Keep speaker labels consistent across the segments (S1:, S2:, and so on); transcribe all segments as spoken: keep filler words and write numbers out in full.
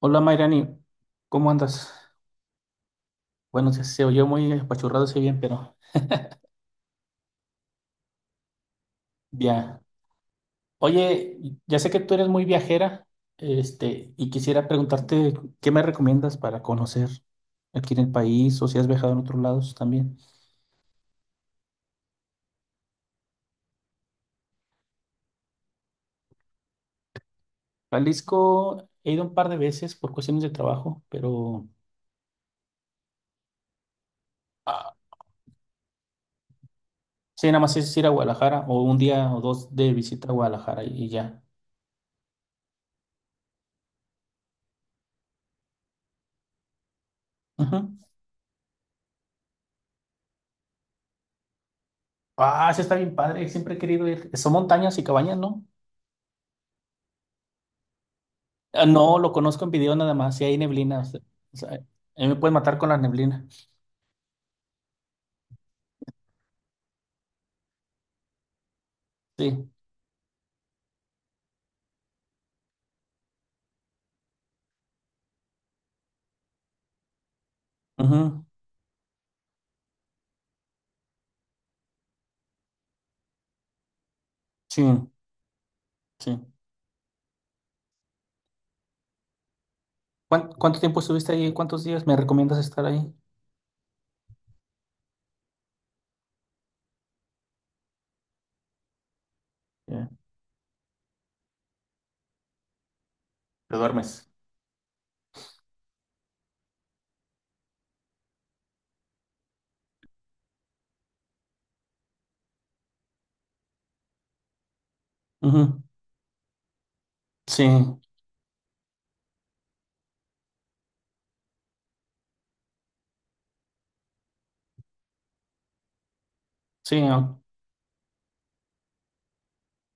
S1: Hola Mayrani, ¿cómo andas? Bueno, se, se oyó muy apachurrado ese bien, pero bien. Oye, ya sé que tú eres muy viajera, este, y quisiera preguntarte qué me recomiendas para conocer aquí en el país o si has viajado en otros lados también. Jalisco he ido un par de veces por cuestiones de trabajo, pero ah, sí, nada más es ir a Guadalajara o un día o dos de visita a Guadalajara y, y ya. Ujú. Ah, sí está bien padre, siempre he querido ir. Son montañas y cabañas, ¿no? Ah, no, lo conozco en video nada más, si hay neblina. O sea, o sea, a mí me pueden matar con la neblina. Sí. Ujú. Sí, sí. ¿Cuán- ¿Cuánto tiempo estuviste ahí? ¿Cuántos días me recomiendas estar ahí? Ya. Te duermes. Ujú. Sí, sí, au-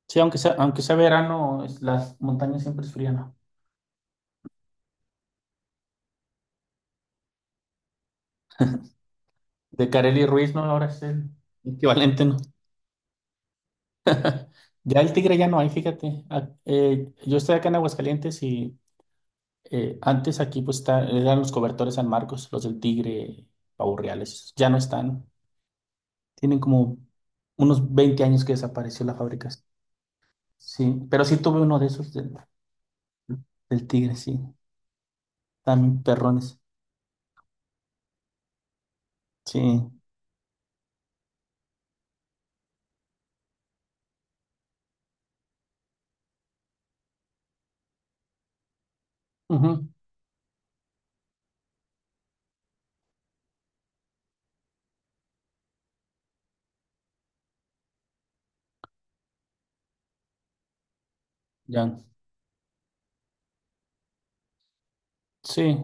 S1: sí, aunque sea, aunque sea verano, es- las montañas siempre es fría, ¿no? De Kareli Ruiz, ¿no? Ahora es el equivalente, ¿no? Ya el tigre ya no hay, fíjate. Ah, eh, yo estoy acá en Aguascalientes y Eh, antes aquí pues está- eran los cobertores San Marcos, los del Tigre, Pavos Reales, ya no están. Tienen como unos veinte años que desapareció la fábrica. Sí, pero sí tuve uno de esos del, del Tigre, sí. También perrones. Sí. Ujú. Ya. Sí.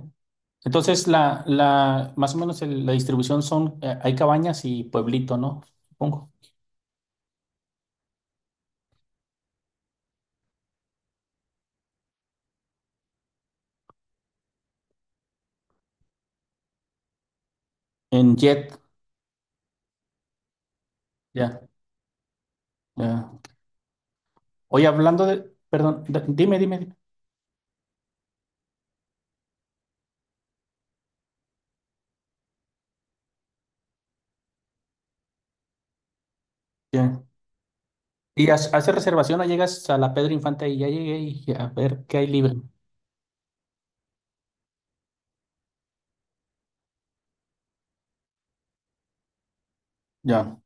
S1: Entonces la, la, más o menos el- la distribución son, eh, hay cabañas y pueblito, ¿no? Supongo. En jet. Ya, ya. Oye, hablando de, perdón, d- dime, dime, dime. Y ha- hace reservación o llegas a la Pedro Infante y ya llegué y a ver qué hay libre. Ya.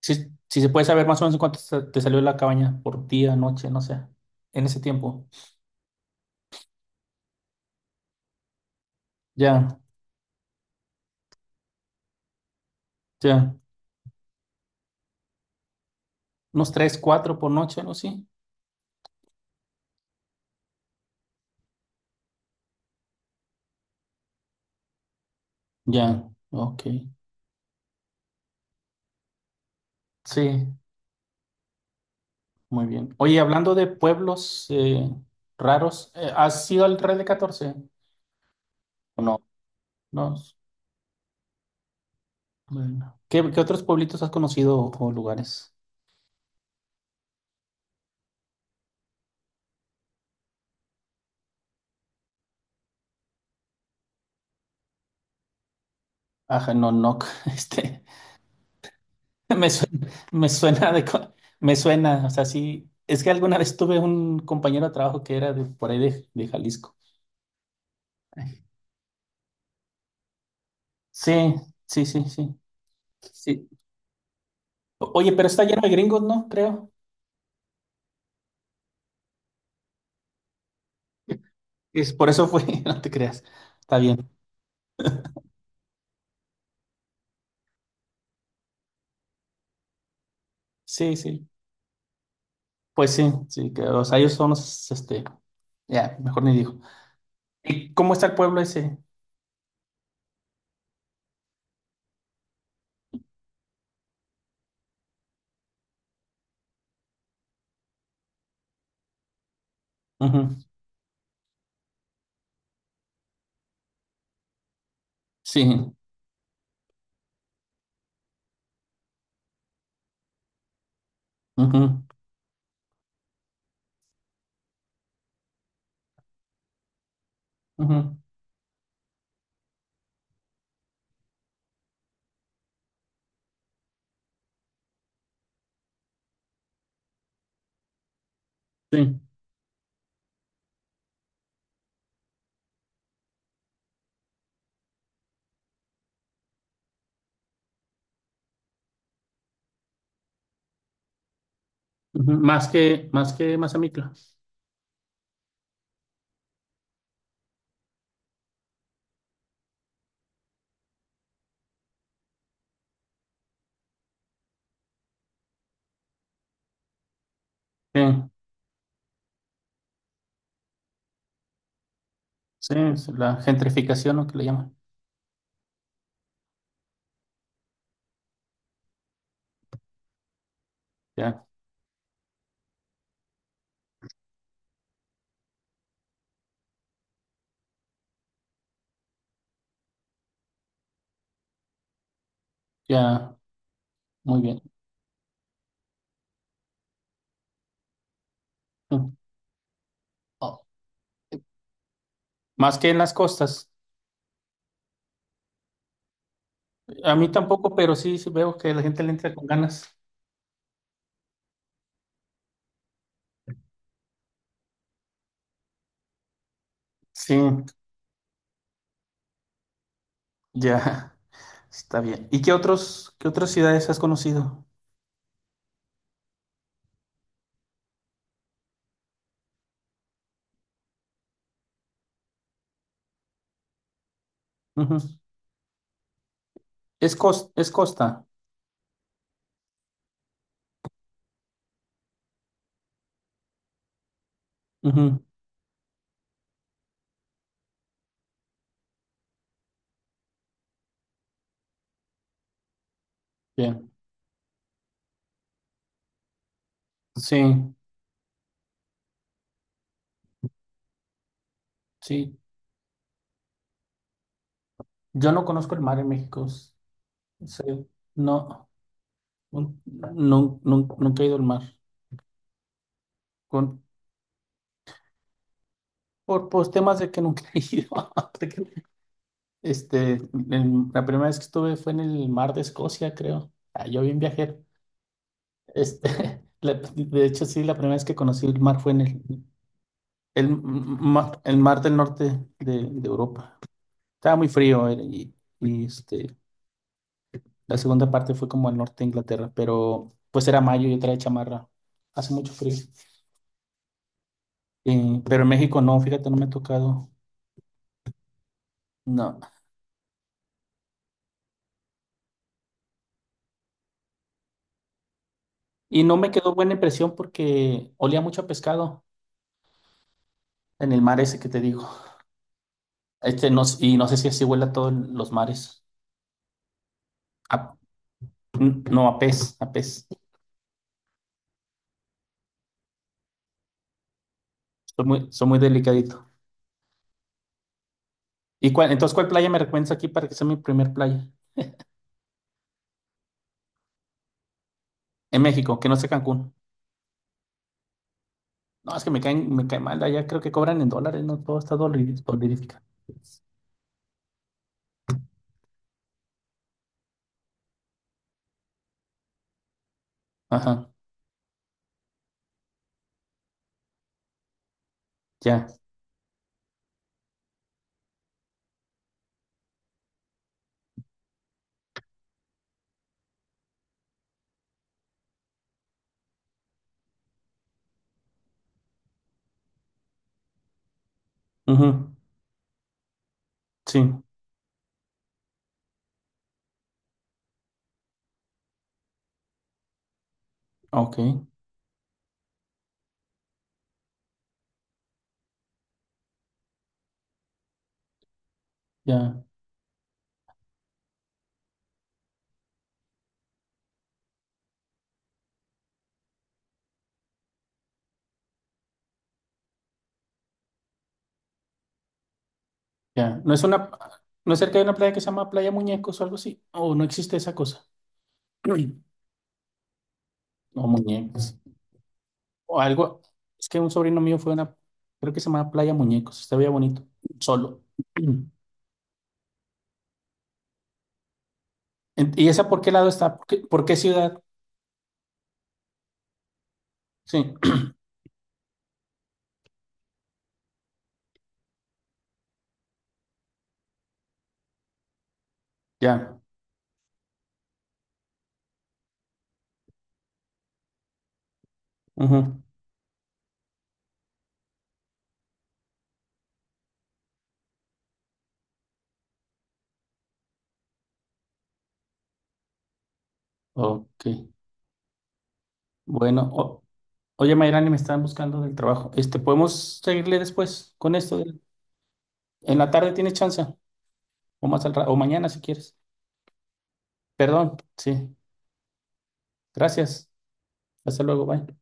S1: Si, si se puede saber más o menos cuánto se- te salió la cabaña por día, noche, no sé. En ese tiempo. Ya, ya. Unos tres, cuatro por noche, ¿no? Sí. Ya, ok. Sí, muy bien. Oye, hablando de pueblos eh, raros, eh, ¿has ido al Real de Catorce? ¿O no? No. Bueno. ¿Qué, ¿qué otros pueblitos has conocido o lugares? Ajá, no, no. Este. Me suena, me suena de co- me suena, o sea, sí, es que alguna vez tuve un compañero de trabajo que era de por ahí de, de Jalisco. Sí, sí, sí, sí, sí. O- Oye, pero está lleno de gringos, ¿no? Creo. Es por eso fue, no te creas. Está bien. Sí, sí. Pues sí, sí, que, o sea, ellos son los, este, ya, mejor ni digo. ¿Y cómo está el pueblo ese? Ujú. Sí. Ujú. Ujú. Sí. Ujú. Más que, más que Mazamitla. Sí. Sí, es la gentrificación, ¿no? Que le llaman. Ya, ya, muy bien. Mm. Oh. Más que en las costas. A mí tampoco, pero sí, sí veo que la gente le entra con ganas. Sí, ya, está bien. ¿Y qué otros, ¿qué otras ciudades has conocido? Ujú. Es cos- es costa. Ujú. Bien. Sí, sí. Yo no conozco el mar en México. S- Sí, no, nun- nun- nun- nunca he ido al mar. Con, por, pues, temas de que nunca he ido. Este, en- la primera vez que estuve fue en el mar de Escocia, creo. Ah, yo bien viajero. Este, la- de hecho, sí, la primera vez que conocí el mar fue en el, el, mar, el mar del norte de, de Europa. Estaba muy frío eh, y, y, este, la segunda parte fue como al norte de Inglaterra, pero pues era mayo y yo traía chamarra. Hace mucho frío. Eh, pero en México no, fíjate, no me ha tocado. No. Y no me quedó buena impresión porque olía mucho a pescado en el mar ese que te digo. Este no, y no sé si así huele a todos los mares. A- no, a pez, a pez. Soy muy, soy muy delicadito. ¿Y cuál, ¿entonces cuál playa me recomiendas aquí para que sea mi primer playa? En México, que no sea Cancún. No, es que me caen, me cae mal. Allá creo que cobran en dólares, ¿no? Todo está dolari- dolarífica. Ajá, ya. Ujú. Sí, ok, ya, ya. ¿No es una, ¿no es cerca de una playa que se llama Playa Muñecos o algo así? ¿O no existe esa cosa? Uy, no, muñecos. O algo, es que un sobrino mío fue a una, creo que se llama Playa Muñecos, se veía bonito, solo. En- ¿Y esa por qué lado está? ¿Por qué, ¿por qué ciudad? Sí, ya. Ujú. Ok. Bueno, o- oye, Mayrani, me están buscando del trabajo. Este, ¿podemos seguirle después con esto? Del- en la tarde tienes chance, o más al ra- o mañana si quieres. Perdón, sí. Gracias. Hasta luego, bye.